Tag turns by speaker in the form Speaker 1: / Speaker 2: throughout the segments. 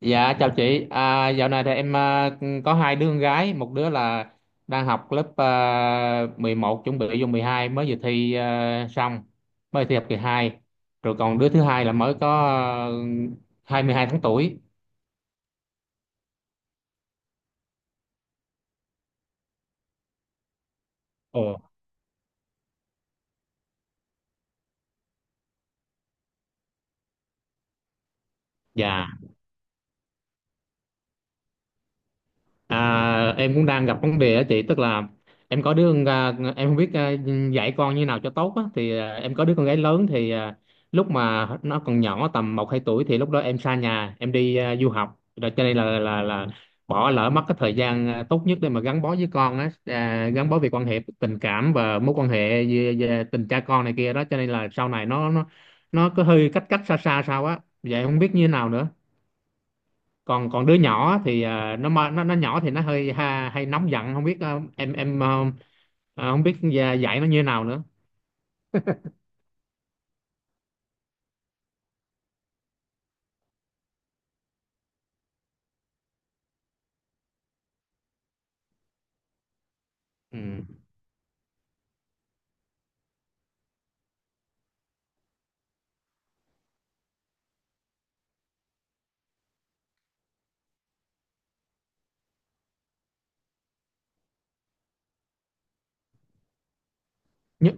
Speaker 1: Dạ chào chị, dạo này thì em có hai đứa con gái, một đứa là đang học lớp 11, chuẩn bị vô 12, mới vừa thi xong, mới thi học kỳ hai. Rồi còn đứa thứ hai là mới có 22 tháng tuổi. Ồ. Dạ. Em cũng đang gặp vấn đề á chị, tức là em có đứa con ra- em không biết dạy con như nào cho tốt á, thì em có đứa con gái lớn thì lúc mà nó còn nhỏ tầm một hai tuổi, thì lúc đó em xa nhà, em đi du học rồi, cho nên là bỏ lỡ mất cái thời gian tốt nhất để mà gắn bó với con á, gắn bó về quan hệ tình cảm và mối quan hệ về tình cha con này kia đó. Cho nên là sau này nó cứ hơi cách cách xa xa sao á, vậy không biết như thế nào nữa. Còn còn đứa nhỏ thì nó nhỏ thì nó hơi hay nóng giận, không biết em không biết dạy dạy nó như thế nào nữa. Ừ. nhưng,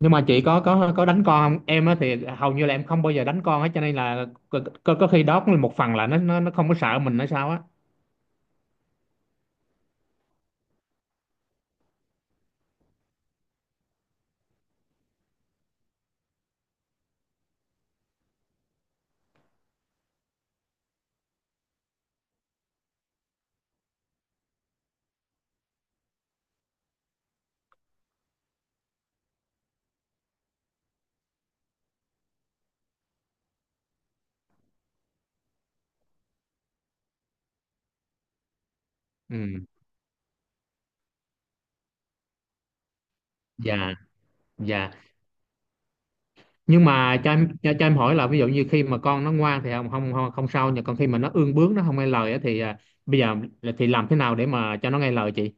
Speaker 1: nhưng mà chị có đánh con không em á? Thì hầu như là em không bao giờ đánh con hết, cho nên là có khi đó cũng là một phần là nó không có sợ mình hay sao á. Ừ. Dạ, dạ. Nhưng mà cho em hỏi là ví dụ như khi mà con nó ngoan thì không sao, nhưng còn khi mà nó ương bướng, nó không nghe lời á thì bây giờ thì làm thế nào để mà cho nó nghe lời chị?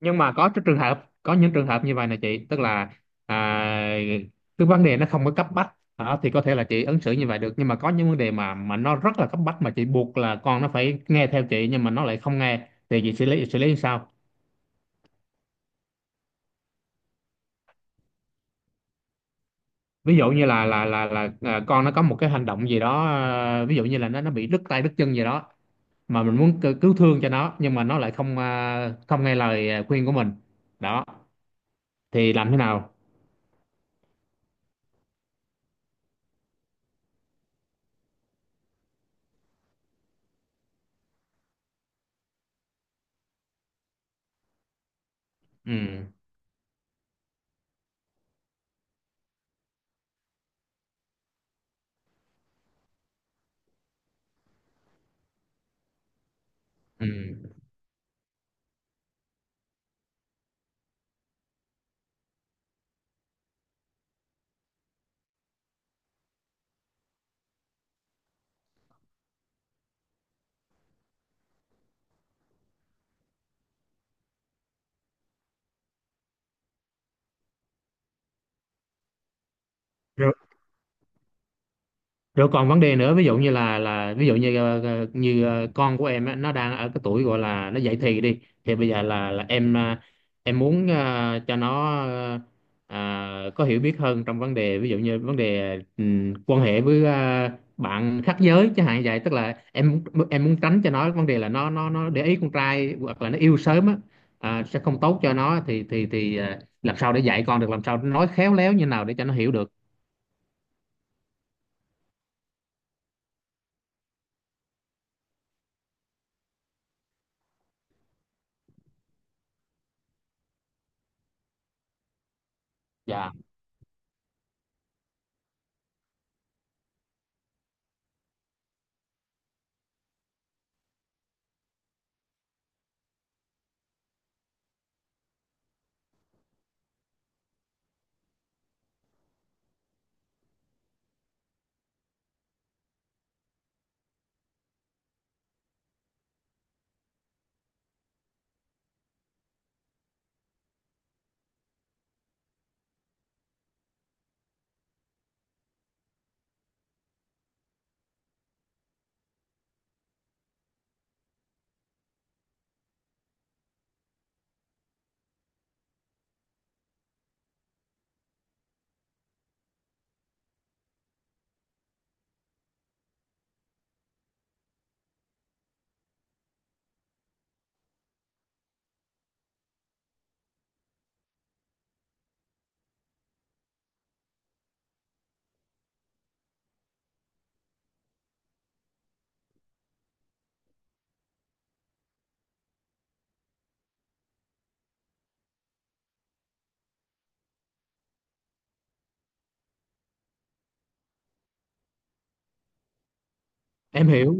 Speaker 1: Nhưng mà có những trường hợp như vậy này chị, tức là à, cái vấn đề nó không có cấp bách đó thì có thể là chị ứng xử như vậy được, nhưng mà có những vấn đề mà nó rất là cấp bách mà chị buộc là con nó phải nghe theo chị, nhưng mà nó lại không nghe thì chị xử lý như sao? Ví dụ như là con nó có một cái hành động gì đó, ví dụ như là nó bị đứt tay đứt chân gì đó, mà mình muốn cứu cứu thương cho nó, nhưng mà nó lại không nghe lời khuyên của mình. Đó, thì làm thế nào? Ừ. Ừ. Rồi còn vấn đề nữa, ví dụ như là ví dụ như ờ, ờ, như ờ, con của em á, nó đang ở cái tuổi gọi là nó dậy thì, đi thì bây giờ là em em muốn cho nó có hiểu biết hơn trong vấn đề, ví dụ như vấn đề quan hệ với bạn khác giới chẳng hạn, vậy tức là em muốn tránh cho nó vấn đề là nó để ý con trai hoặc là nó yêu sớm á, sẽ không tốt cho nó, thì làm sao để dạy con được, làm sao nói khéo léo như nào để cho nó hiểu được. Dạ. Em hiểu.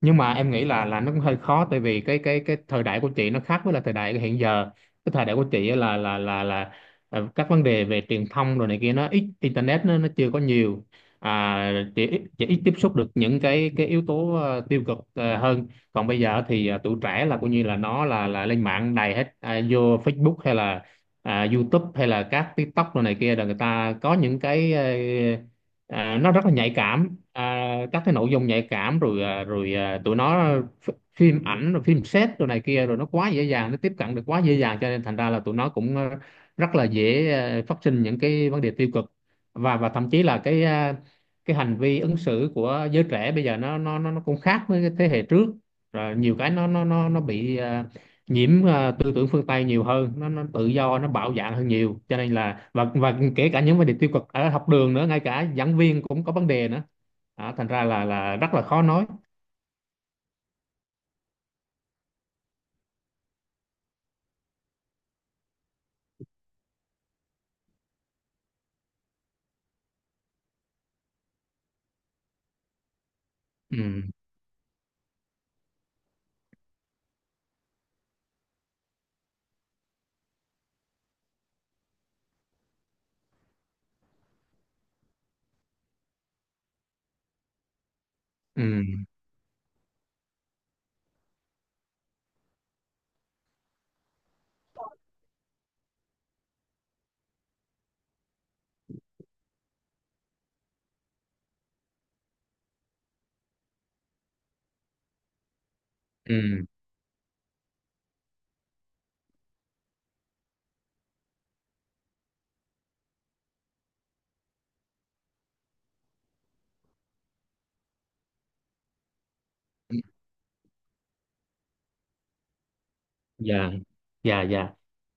Speaker 1: Nhưng mà em nghĩ là nó cũng hơi khó, tại vì cái thời đại của chị nó khác với là thời đại hiện giờ. Cái thời đại của chị á là các vấn đề về truyền thông rồi này kia, nó ít internet, nó chưa có nhiều. Chị ít tiếp xúc được những cái yếu tố tiêu cực hơn. Còn bây giờ thì tụi trẻ là coi như là nó là lên mạng đầy hết, vô Facebook hay là YouTube hay là các TikTok rồi này kia, là người ta có những cái nó rất là nhạy cảm, à, các cái nội dung nhạy cảm, tụi nó phim ảnh rồi phim set rồi này kia, rồi nó quá dễ dàng, nó tiếp cận được quá dễ dàng, cho nên thành ra là tụi nó cũng rất là dễ phát sinh những cái vấn đề tiêu cực. Và thậm chí là cái hành vi ứng xử của giới trẻ bây giờ nó cũng khác với cái thế hệ trước. Rồi nhiều cái nó bị nhiễm tư tưởng phương Tây nhiều hơn, nó tự do, nó bạo dạn hơn nhiều, cho nên là và kể cả những vấn đề tiêu cực ở học đường nữa, ngay cả giảng viên cũng có vấn đề nữa. Đó, thành ra là rất là khó nói. Ừ, ừ, ừ. Dạ, dạ, dạ.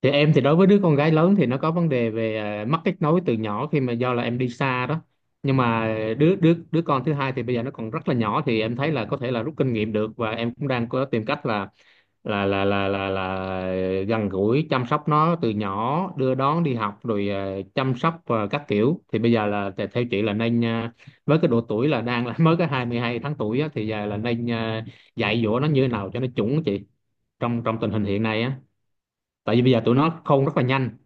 Speaker 1: Thì em thì đối với đứa con gái lớn thì nó có vấn đề về mất kết nối từ nhỏ, khi mà do là em đi xa đó. Nhưng mà đứa đứa đứa con thứ hai thì bây giờ nó còn rất là nhỏ, thì em thấy là có thể là rút kinh nghiệm được, và em cũng đang có tìm cách là gần gũi chăm sóc nó từ nhỏ, đưa đón đi học, rồi chăm sóc các kiểu. Thì bây giờ là theo chị là nên với cái độ tuổi là đang là mới có 22 tháng tuổi á, thì giờ là nên dạy dỗ nó như thế nào cho nó chuẩn á chị, trong trong tình hình hiện nay á, tại vì bây giờ tụi nó khôn rất là nhanh.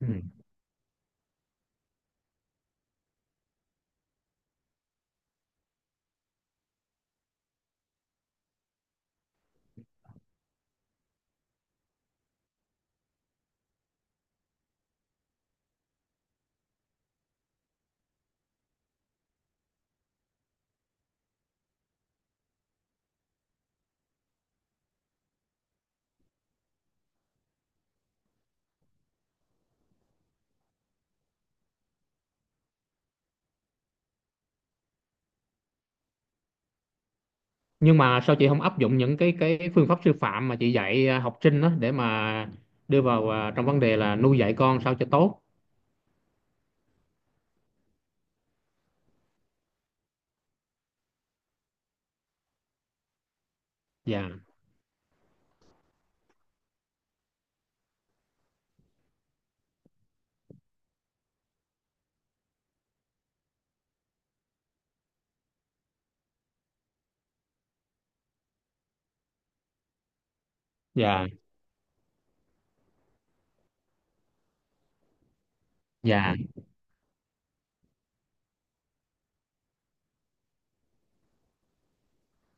Speaker 1: Ừ. Nhưng mà sao chị không áp dụng những cái phương pháp sư phạm mà chị dạy học sinh đó, để mà đưa vào trong vấn đề là nuôi dạy con sao cho tốt? Dạ, dạ, dạ,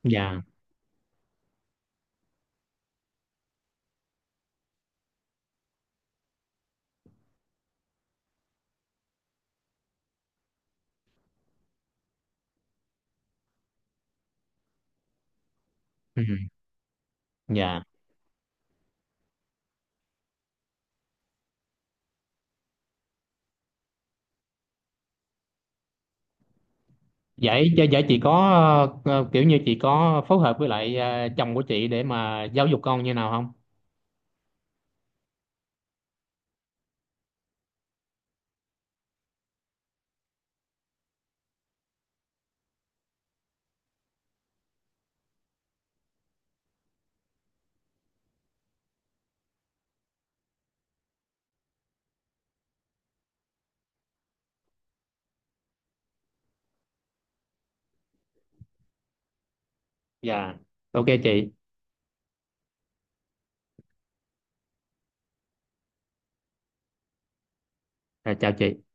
Speaker 1: dạ. Ừ, dạ. Vậy vậy vậy chị có kiểu như chị có phối hợp với lại chồng của chị để mà giáo dục con như nào không? Dạ. Ok chị. Rồi, chào chị.